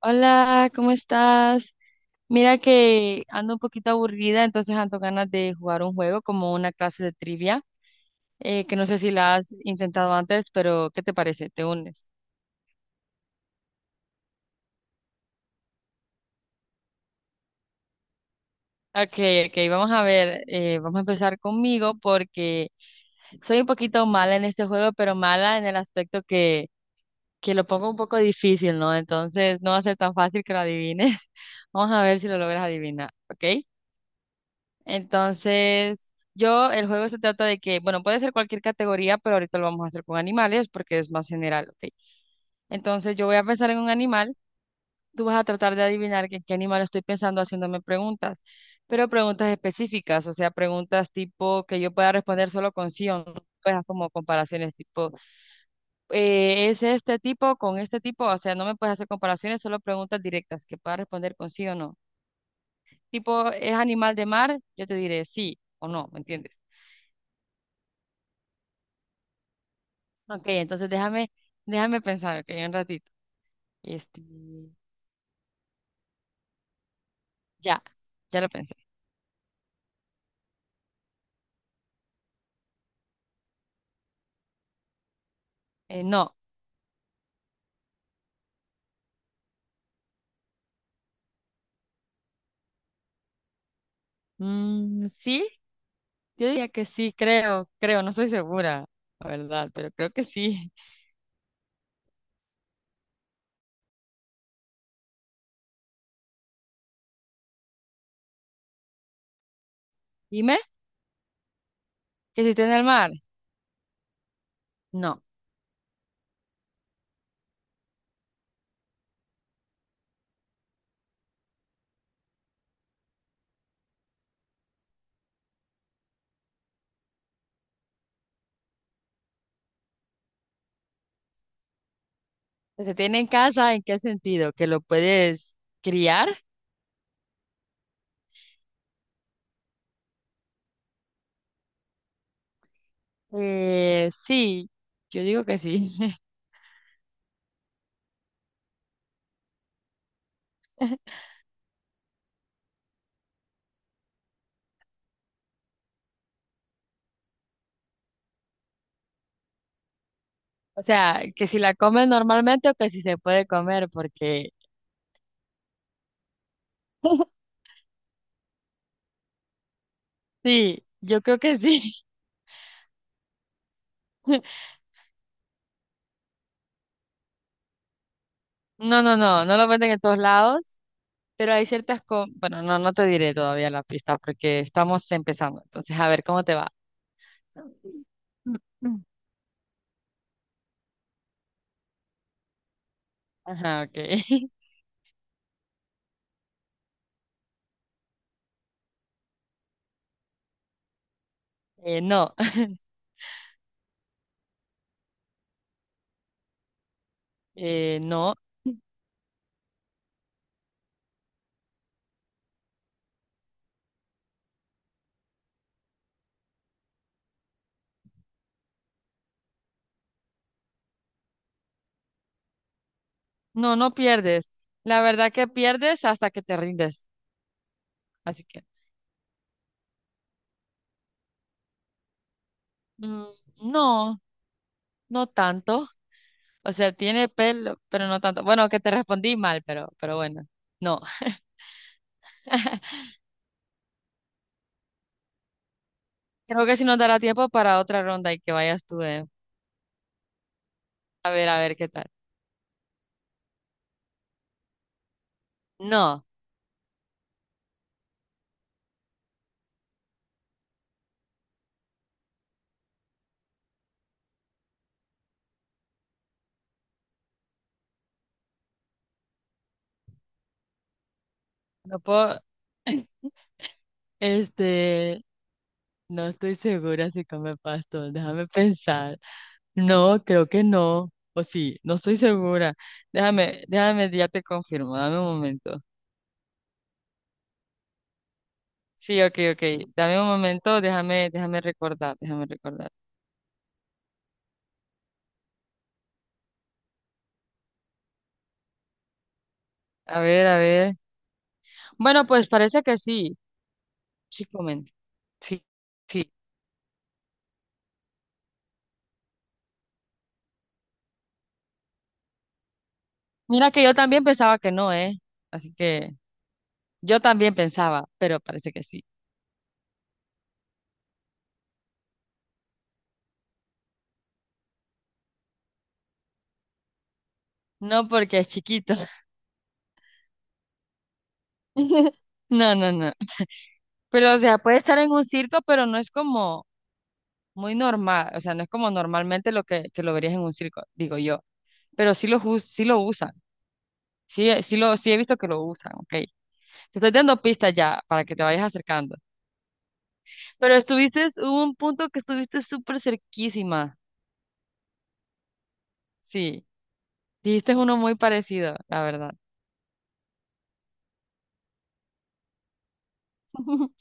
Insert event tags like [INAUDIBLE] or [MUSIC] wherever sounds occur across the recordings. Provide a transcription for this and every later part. Hola, ¿cómo estás? Mira que ando un poquito aburrida, entonces ando ganas de jugar un juego como una clase de trivia, que no sé si la has intentado antes, pero ¿qué te parece? ¿Te unes? Ok, ok, vamos a ver, vamos a empezar conmigo porque soy un poquito mala en este juego, pero mala en el aspecto que lo pongo un poco difícil, ¿no? Entonces no va a ser tan fácil que lo adivines. [LAUGHS] Vamos a ver si lo logras adivinar, ¿ok? Entonces, yo, el juego se trata de que, bueno, puede ser cualquier categoría, pero ahorita lo vamos a hacer con animales porque es más general, ¿ok? Entonces, yo voy a pensar en un animal, tú vas a tratar de adivinar en qué animal estoy pensando haciéndome preguntas, pero preguntas específicas, o sea, preguntas tipo que yo pueda responder solo con sí o no. Pues como comparaciones tipo, ¿es este tipo con este tipo? O sea, no me puedes hacer comparaciones, solo preguntas directas que pueda responder con sí o no. Tipo, ¿es animal de mar? Yo te diré sí o no, ¿me entiendes? Ok, entonces déjame, déjame pensar, ok, un ratito. Este, ya, ya lo pensé. No. Mm, sí, yo diría que sí, creo, creo, no estoy segura, la verdad, pero creo que sí. [LAUGHS] Dime, ¿que se tiene en el mar? No. ¿Que se tiene en casa? ¿En qué sentido? ¿Que lo puedes criar? Sí, yo digo que sí. [LAUGHS] O sea, que si la comes normalmente o que si se puede comer, porque [LAUGHS] sí, yo creo que sí. [LAUGHS] No, no, no, no lo venden en todos lados. Pero hay ciertas cosas, bueno, no, no te diré todavía la pista porque estamos empezando. Entonces, a ver cómo te va. Ajá, ok. [LAUGHS] No, no, no, no pierdes. La verdad que pierdes hasta que te rindes. Así que, mm, no, no tanto. O sea, tiene pelo, pero no tanto. Bueno, que te respondí mal, pero bueno, no. Creo que si nos dará tiempo para otra ronda y que vayas tú, a ver qué tal. No, no puedo. [CLEARS THROAT] Este, No estoy segura si come pasto, déjame pensar. No, creo que no, o sí, no estoy segura. Déjame, déjame, ya te confirmo, dame un momento. Sí, ok, ok, dame un momento, déjame, déjame recordar, déjame recordar. A ver, a ver. Bueno, pues parece que sí, sí comen, sí, sí. Mira que yo también pensaba que no, ¿eh? Así que yo también pensaba, pero parece que sí. No porque es chiquito. [LAUGHS] No, no, no. Pero, o sea, puede estar en un circo, pero no es como, muy normal, o sea, no es como normalmente lo que lo verías en un circo, digo yo, pero sí lo, sí lo usan, sí, sí, lo, sí he visto que lo usan, ok. Te estoy dando pistas ya para que te vayas acercando, pero estuviste, hubo un punto que estuviste súper cerquísima, sí, dijiste uno muy parecido, la verdad. [LAUGHS]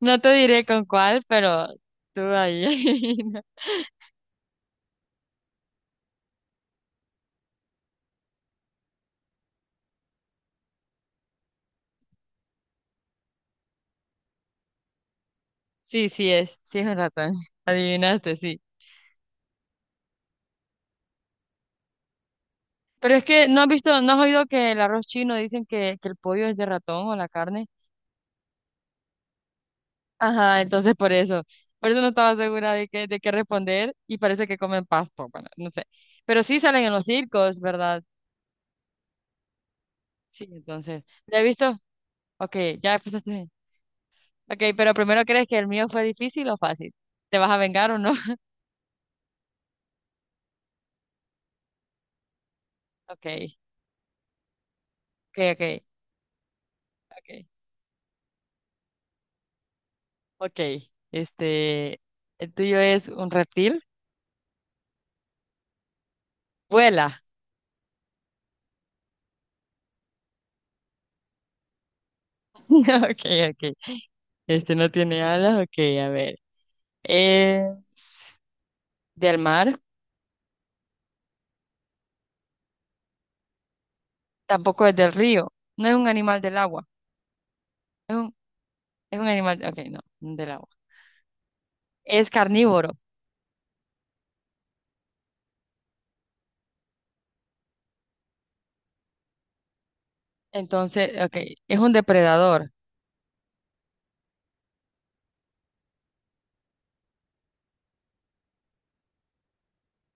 No te diré con cuál, pero tú ahí. [LAUGHS] Sí, sí es un ratón, [LAUGHS] adivinaste, sí. Pero es que no has visto, no has oído que el arroz chino dicen que el pollo es de ratón o la carne. Ajá, entonces por eso no estaba segura de qué responder y parece que comen pasto, bueno, no sé. Pero sí salen en los circos, ¿verdad? Sí, entonces, ¿ya he visto? Ok, ya empezaste. Ok, pero primero, ¿crees que el mío fue difícil o fácil? ¿Te vas a vengar o no? [LAUGHS] Ok, ok, ok, ok, ok. Este, el tuyo es un reptil, vuela. [LAUGHS] Ok, ok. Este no tiene alas, ok, a ver. Es del mar, tampoco es del río, no es un animal del agua. Es un, es un animal, ok, no, del agua. Es carnívoro, entonces, ok, es un depredador.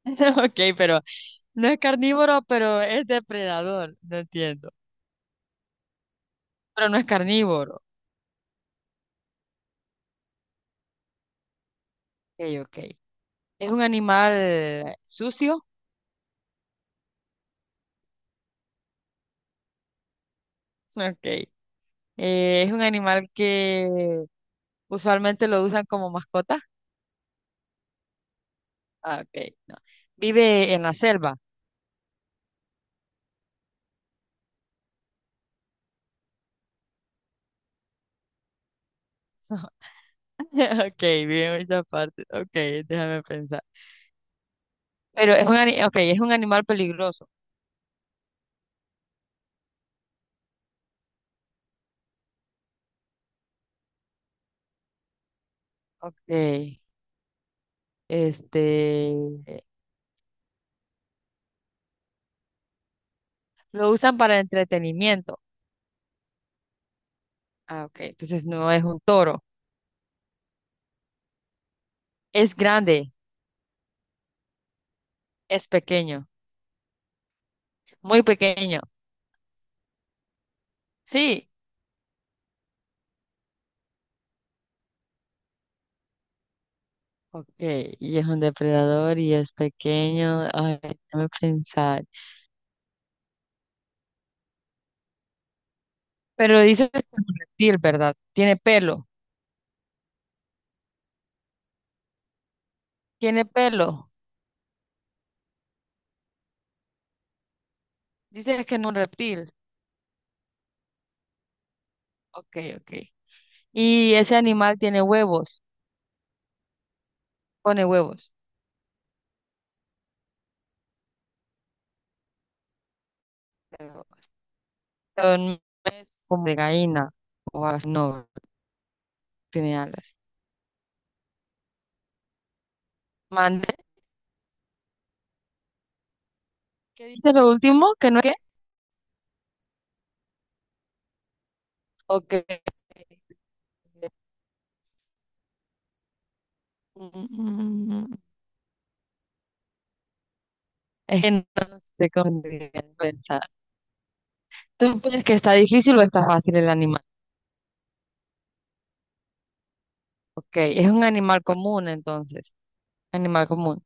[LAUGHS] Ok, pero no es carnívoro, pero es depredador, no entiendo. Pero no es carnívoro, ok, ok. Es un animal sucio, ok. Es un animal que usualmente lo usan como mascota, ah, ok, no. Vive en la selva, [LAUGHS] ok, vive en muchas partes, ok, déjame pensar. Pero es un, ok, es un animal peligroso, ok. Este, eh, lo usan para entretenimiento. Ah, ok. Entonces no es un toro. Es grande, es pequeño, muy pequeño. Sí. Ok, y es un depredador y es pequeño. Ay, déjame pensar. Pero dices que es un reptil, ¿verdad? Tiene pelo. Tiene pelo. Dices que es un reptil. Ok, ok. Y ese animal tiene huevos. Pone huevos. Pero no es como de gallina o algo así. No, tiene alas. Mande. ¿Qué dice lo último? ¿Que no es qué? ¿O que- Mm, es que no sé cómo pensar. ¿Tú piensas que está difícil o está fácil el animal? Ok, es un animal común entonces, animal común.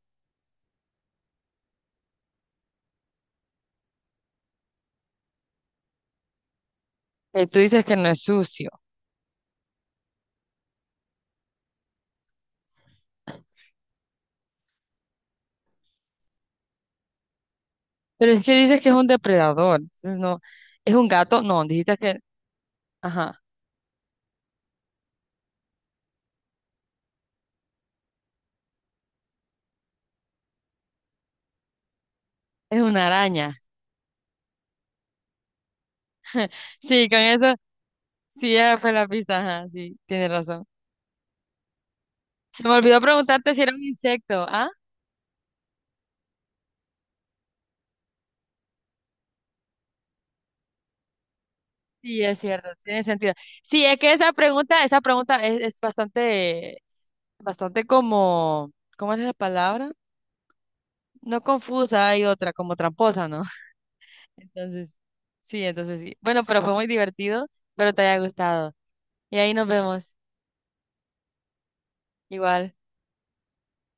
Tú dices que no es sucio, pero es que dices que es un depredador. Entonces no, ¿es un gato? No, dijiste que, ajá, es una araña. Sí, con eso, sí, ya fue la pista, ajá, sí, tienes razón. Se me olvidó preguntarte si era un insecto, ¿ah? Sí, es cierto, tiene sentido. Sí, es que esa pregunta es bastante, bastante como, ¿cómo es la palabra? No confusa, hay otra, como tramposa, ¿no? [LAUGHS] Entonces, sí, entonces sí. Bueno, pero fue muy divertido, pero te haya gustado. Y ahí nos vemos, igual.